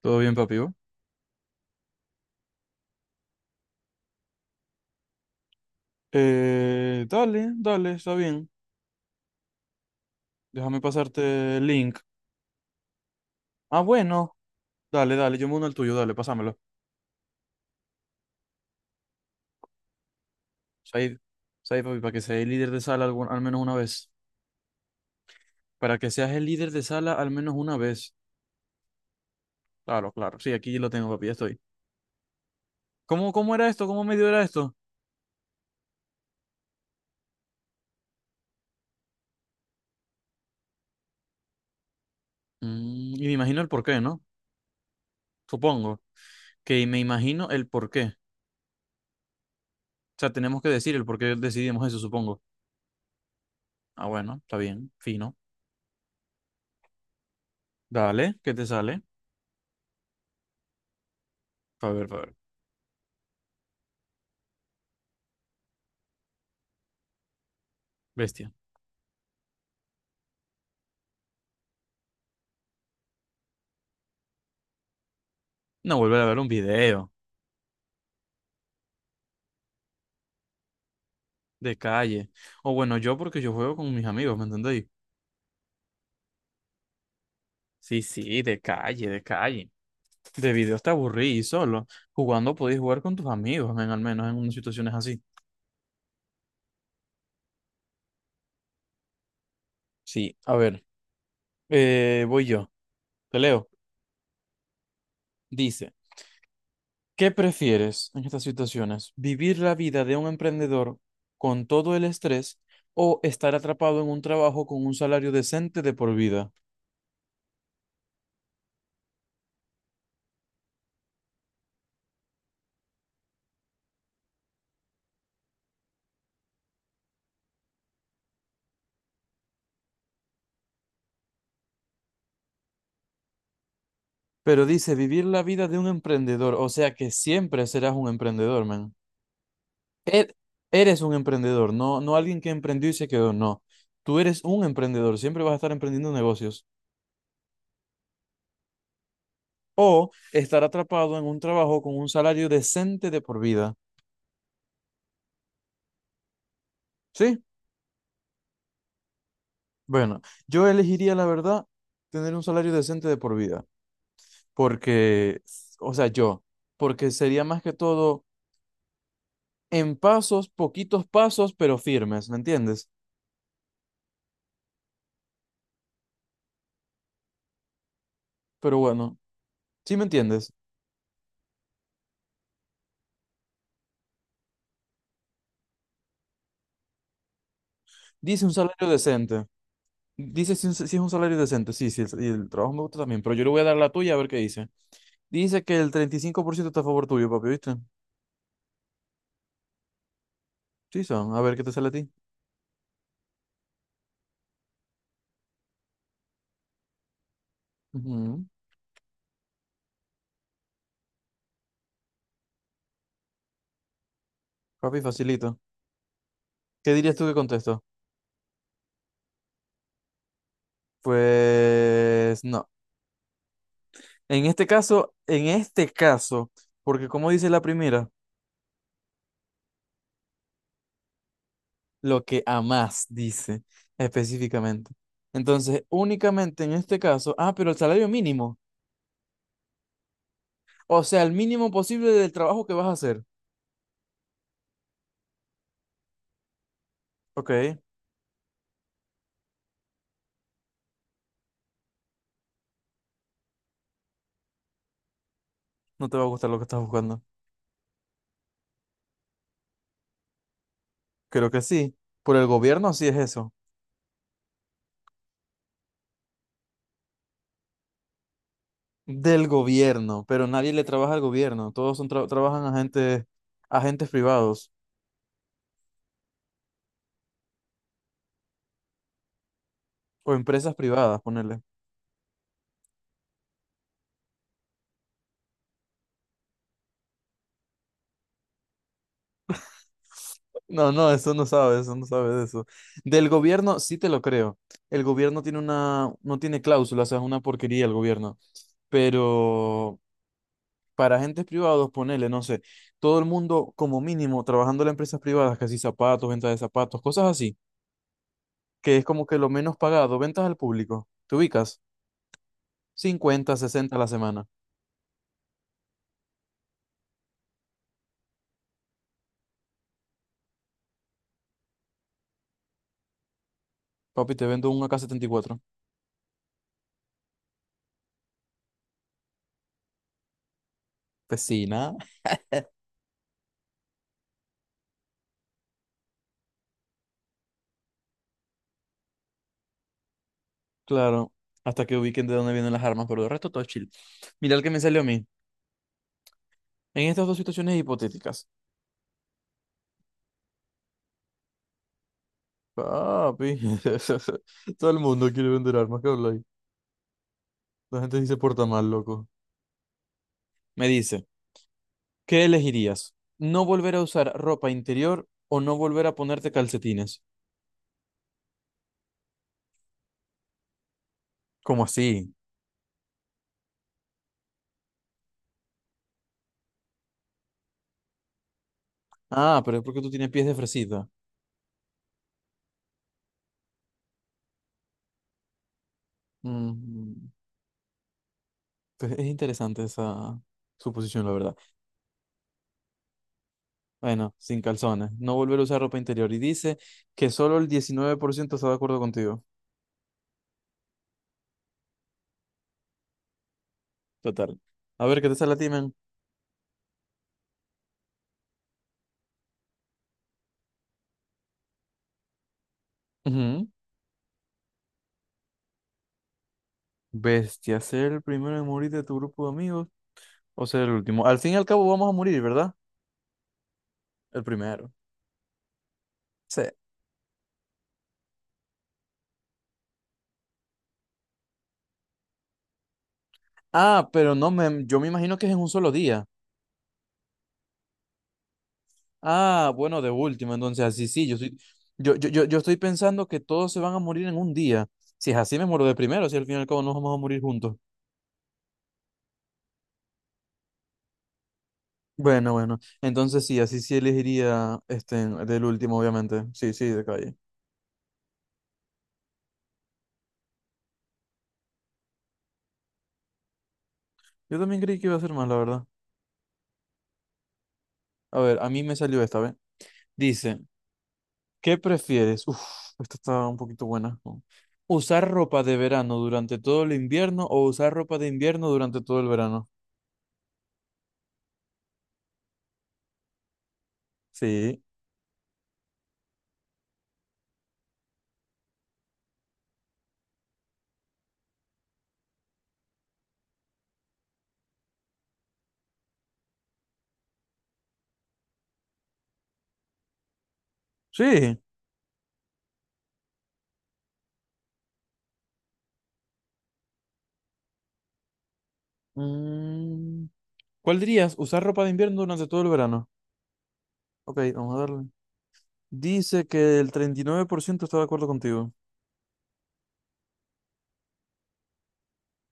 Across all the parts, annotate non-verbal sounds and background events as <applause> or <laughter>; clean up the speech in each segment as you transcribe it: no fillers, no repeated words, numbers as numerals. ¿Todo bien, papi? ¿Vos? Dale, dale, está bien. Déjame pasarte el link. Ah, bueno. Dale, dale, yo me uno al tuyo, dale, pásamelo. Said, Said, papi, para que seas el líder de sala al menos una vez. Para que seas el líder de sala al menos una vez. Claro, claro. Sí, aquí lo tengo, papi, ya estoy. ¿Cómo era esto? ¿Cómo medio era esto? Y me imagino el porqué, ¿no? Supongo. Que me imagino el porqué. O sea, tenemos que decir el por qué decidimos eso, supongo. Ah, bueno, está bien, fino. Dale, ¿qué te sale? A ver, a ver. Bestia. No, volver a ver un video de calle. O bueno, yo porque yo juego con mis amigos, ¿me entendéis? Sí, sí, de calle, de calle. De video está aburrido y solo. Jugando podéis jugar con tus amigos, men, al menos en unas situaciones así. Sí, a ver, voy yo. Te leo. Dice, ¿qué prefieres en estas situaciones? ¿Vivir la vida de un emprendedor con todo el estrés o estar atrapado en un trabajo con un salario decente de por vida? Pero dice vivir la vida de un emprendedor, o sea que siempre serás un emprendedor, man. Er- Eres un emprendedor, no, no alguien que emprendió y se quedó, no. Tú eres un emprendedor, siempre vas a estar emprendiendo negocios o estar atrapado en un trabajo con un salario decente de por vida. ¿Sí? Bueno, yo elegiría, la verdad, tener un salario decente de por vida, porque, o sea, yo, porque sería más que todo en pasos, poquitos pasos, pero firmes, ¿me entiendes? Pero bueno, ¿sí me entiendes? Dice un salario decente. Dice si, si es un salario decente. Sí, sí, y el trabajo me gusta también. Pero yo le voy a dar la tuya a ver qué dice. Dice que el 35% está a favor tuyo, papi, ¿viste? Sí, son. A ver qué te sale a ti. Ujú. Papi, facilito. ¿Qué dirías tú que contesto? Pues no. En este caso, porque como dice la primera, lo que amás dice específicamente. Entonces, únicamente en este caso, ah, pero el salario mínimo. O sea, el mínimo posible del trabajo que vas a hacer. Ok. No te va a gustar lo que estás buscando. Creo que sí. Por el gobierno sí es eso. Del gobierno, pero nadie le trabaja al gobierno. Todos son trabajan agentes privados o empresas privadas, ponerle. No, no, eso no sabe de eso. Del gobierno sí te lo creo. El gobierno tiene no tiene cláusulas, o sea, es una porquería el gobierno. Pero para agentes privados, ponele no sé, todo el mundo como mínimo trabajando en empresas privadas, casi zapatos, venta de zapatos, cosas así que es como que lo menos pagado, ventas al público. Te ubicas 50, 60 a la semana. Papi, te vendo un AK-74, vecina. Claro, hasta que ubiquen de dónde vienen las armas, pero de resto todo chill. Mira el que me salió a mí. En estas dos situaciones hipotéticas. Papi, <laughs> todo el mundo quiere vender armas, ¿qué habláis? La gente sí se porta mal, loco. Me dice, ¿qué elegirías? ¿No volver a usar ropa interior o no volver a ponerte calcetines? ¿Cómo así? Ah, pero es porque tú tienes pies de fresita. Ujú. Pues es interesante esa suposición, la verdad. Bueno, sin calzones, no volver a usar ropa interior. Y dice que solo el 19% está de acuerdo contigo. Total. A ver, ¿qué te sale a ti, men? Ujú. Bestia, ser el primero en morir de tu grupo de amigos o ser el último. Al fin y al cabo vamos a morir, ¿verdad? El primero. Sí. Ah, pero no, yo me imagino que es en un solo día. Ah, bueno, de último, entonces así sí, yo soy, yo estoy pensando que todos se van a morir en un día. Si es así, me muero de primero, si al fin y al cabo nos vamos a morir juntos. Bueno, bueno. Entonces sí, así sí elegiría este del último, obviamente. Sí, sí, de calle. Yo también creí que iba a ser más, la verdad. A ver, a mí me salió esta, ¿ves? Dice, ¿qué prefieres? Uf, esta está un poquito buena, ¿no? ¿Usar ropa de verano durante todo el invierno o usar ropa de invierno durante todo el verano? Sí. Sí. Mm, ¿Cuál dirías? ¿Usar ropa de invierno durante todo el verano? Ok, vamos a darle. Dice que el 39% está de acuerdo contigo.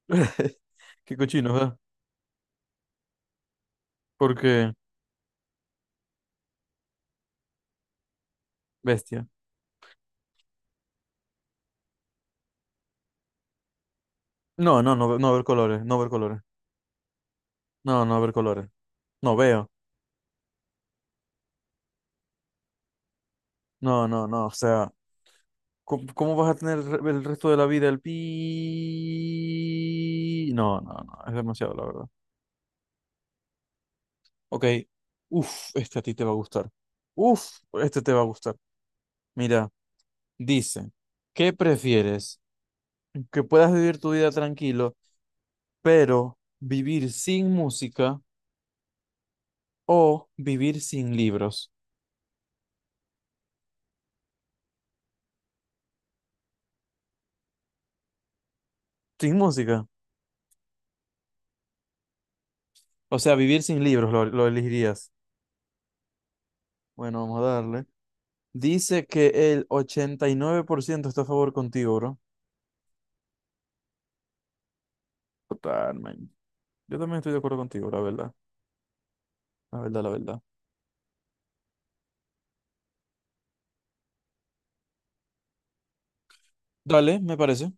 <laughs> Qué cochino, ¿verdad? Porque bestia. No, no, no, no ver colores, no ver colores. No, no ver colores. No veo. No, no, no. O sea, ¿cómo vas a tener el el resto de la vida el pi? No, no, no. Es demasiado, la verdad. Ok. Uf, este a ti te va a gustar. Uf, este te va a gustar. Mira, dice, ¿qué prefieres? ¿Que puedas vivir tu vida tranquilo, pero vivir sin música o vivir sin libros? Sin música. O sea, vivir sin libros, lo elegirías. Bueno, vamos a darle. Dice que el 89% está a favor contigo, bro. Total, man. Yo también estoy de acuerdo contigo, la verdad. La verdad, la verdad. Dale, me parece.